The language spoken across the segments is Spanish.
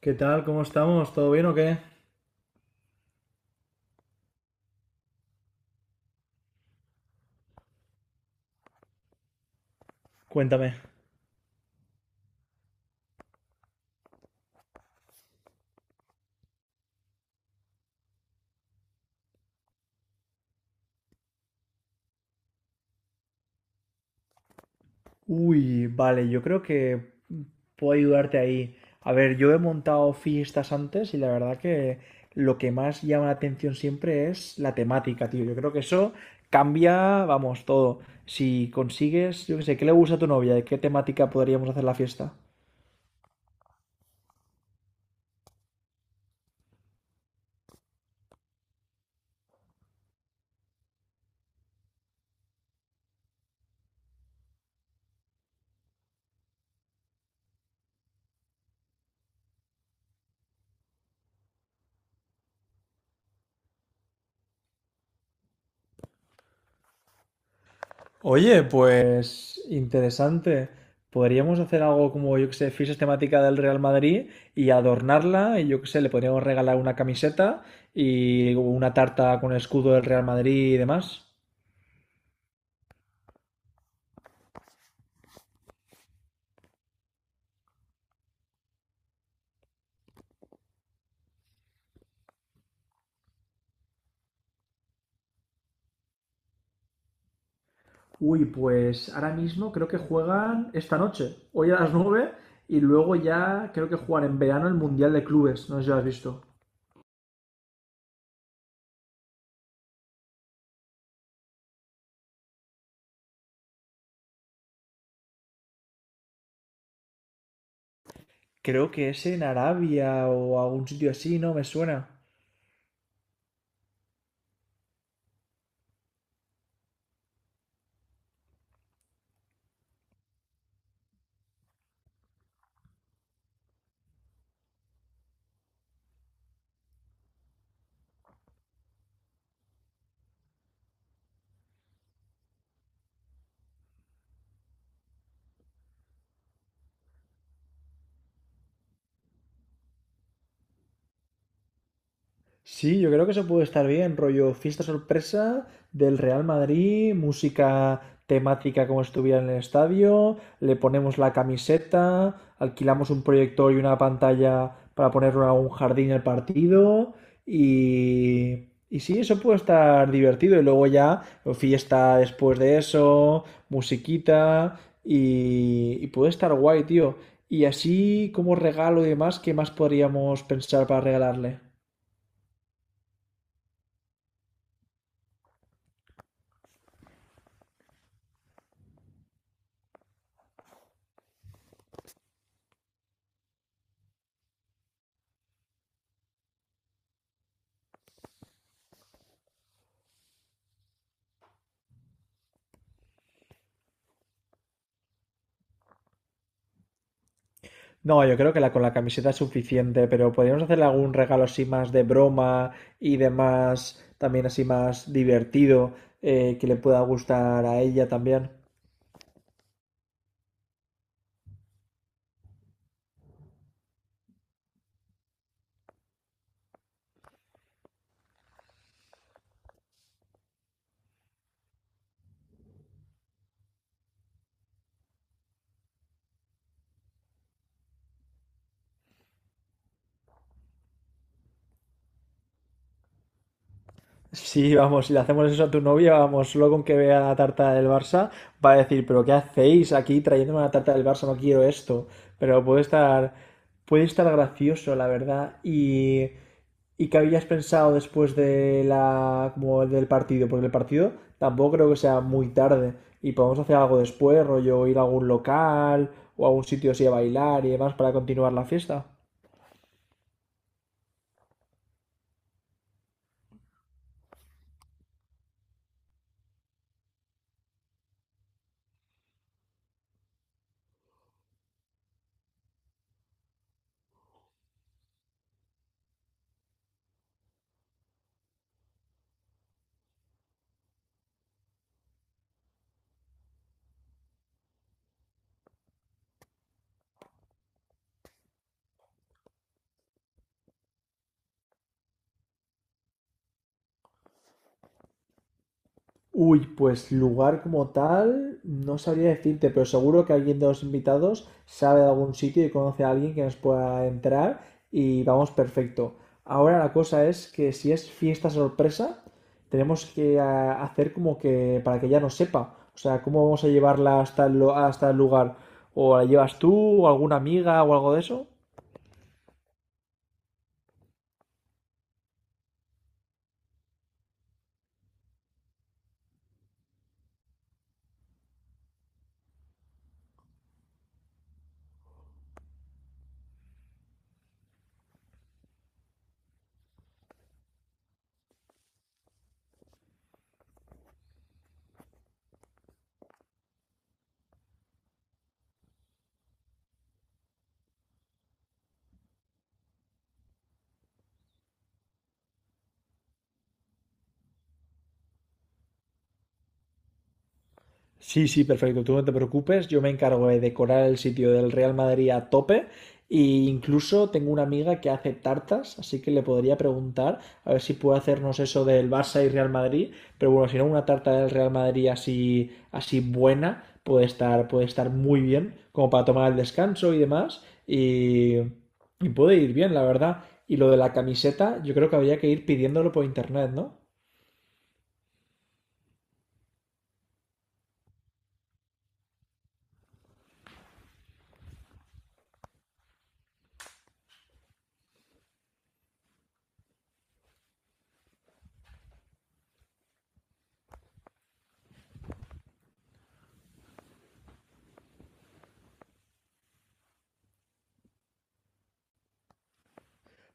¿Qué tal? ¿Cómo estamos? ¿Todo bien o qué? Cuéntame. Uy, vale, yo creo que puedo ayudarte ahí. A ver, yo he montado fiestas antes y la verdad que lo que más llama la atención siempre es la temática, tío. Yo creo que eso cambia, vamos, todo. Si consigues, yo qué sé, ¿qué le gusta a tu novia? ¿De qué temática podríamos hacer la fiesta? Oye, pues interesante. Podríamos hacer algo como, yo que sé, fichas temática del Real Madrid y adornarla. Y yo que sé, le podríamos regalar una camiseta y una tarta con el escudo del Real Madrid y demás. Uy, pues ahora mismo creo que juegan esta noche, hoy a las 9 y luego ya creo que juegan en verano el Mundial de Clubes. No sé si lo has visto. Creo que es en Arabia o algún sitio así, ¿no? Me suena. Sí, yo creo que eso puede estar bien, rollo fiesta sorpresa del Real Madrid, música temática como si estuviera en el estadio, le ponemos la camiseta, alquilamos un proyector y una pantalla para ponerlo en un jardín el partido y sí, eso puede estar divertido y luego ya fiesta después de eso, musiquita y puede estar guay, tío. Y así como regalo y demás, ¿qué más podríamos pensar para regalarle? No, yo creo que la con la camiseta es suficiente, pero podríamos hacerle algún regalo así más de broma y demás, también así más divertido, que le pueda gustar a ella también. Sí, vamos, si le hacemos eso a tu novia, vamos, solo con que vea la tarta del Barça, va a decir, pero ¿qué hacéis aquí trayéndome una tarta del Barça? No quiero esto. Pero puede estar gracioso, la verdad. Y qué habías pensado después de la, como del partido, porque el partido tampoco creo que sea muy tarde. Y podemos hacer algo después, rollo ir a algún local o a algún sitio así a bailar y demás para continuar la fiesta. Uy, pues lugar como tal, no sabría decirte, pero seguro que alguien de los invitados sabe de algún sitio y conoce a alguien que nos pueda entrar y vamos perfecto. Ahora la cosa es que si es fiesta sorpresa, tenemos que hacer como que para que ella no sepa. O sea, ¿cómo vamos a llevarla hasta el, lo- hasta el lugar? ¿O la llevas tú o alguna amiga o algo de eso? Sí, sí, perfecto. Tú no te preocupes. Yo me encargo de decorar el sitio del Real Madrid a tope. E incluso tengo una amiga que hace tartas, así que le podría preguntar a ver si puede hacernos eso del Barça y Real Madrid. Pero bueno, si no, una tarta del Real Madrid así, así buena puede estar muy bien, como para tomar el descanso y demás. Y puede ir bien, la verdad. Y lo de la camiseta, yo creo que habría que ir pidiéndolo por internet, ¿no?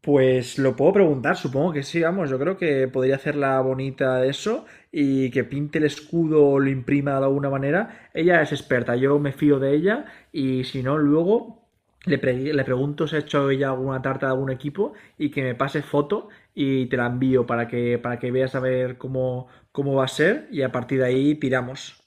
Pues lo puedo preguntar, supongo que sí, vamos, yo creo que podría hacerla bonita eso y que pinte el escudo o lo imprima de alguna manera. Ella es experta, yo me fío de ella y si no, luego le, pre- le pregunto si ha hecho ella alguna tarta de algún equipo y que me pase foto y te la envío para que veas a ver cómo, cómo va a ser y a partir de ahí tiramos.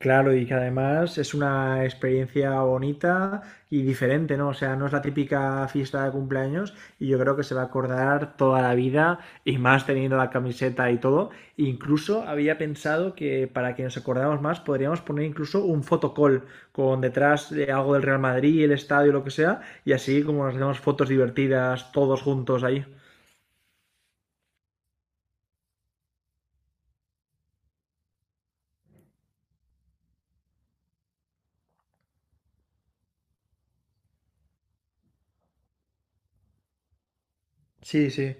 Claro, y que además es una experiencia bonita y diferente, ¿no? O sea, no es la típica fiesta de cumpleaños y yo creo que se va a acordar toda la vida y más teniendo la camiseta y todo. Incluso había pensado que para que nos acordáramos más podríamos poner incluso un fotocall con detrás de algo del Real Madrid, el estadio, lo que sea, y así como nos hacemos fotos divertidas todos juntos ahí. Sí, sí.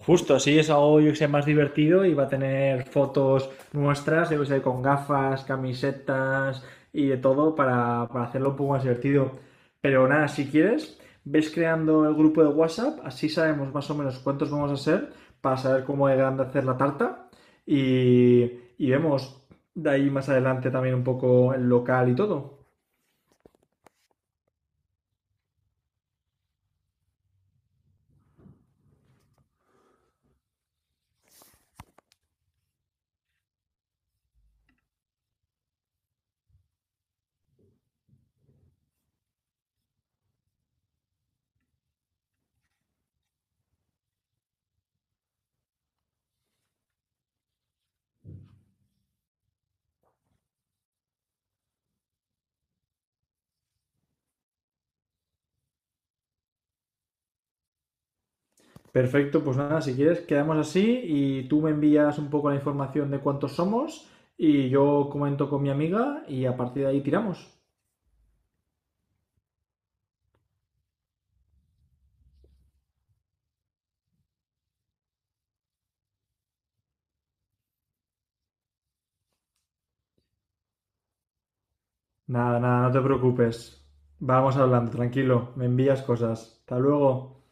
Justo, así es algo yo que sea más divertido y va a tener fotos nuestras, yo que sé, con gafas, camisetas y de todo para hacerlo un poco más divertido. Pero nada, si quieres, ves creando el grupo de WhatsApp, así sabemos más o menos cuántos vamos a ser para saber cómo de grande hacer la tarta y, y vemos de ahí más adelante también un poco el local y todo. Perfecto, pues nada, si quieres, quedamos así y tú me envías un poco la información de cuántos somos y yo comento con mi amiga y a partir de ahí tiramos. Nada, nada, no te preocupes. Vamos hablando, tranquilo, me envías cosas. Hasta luego.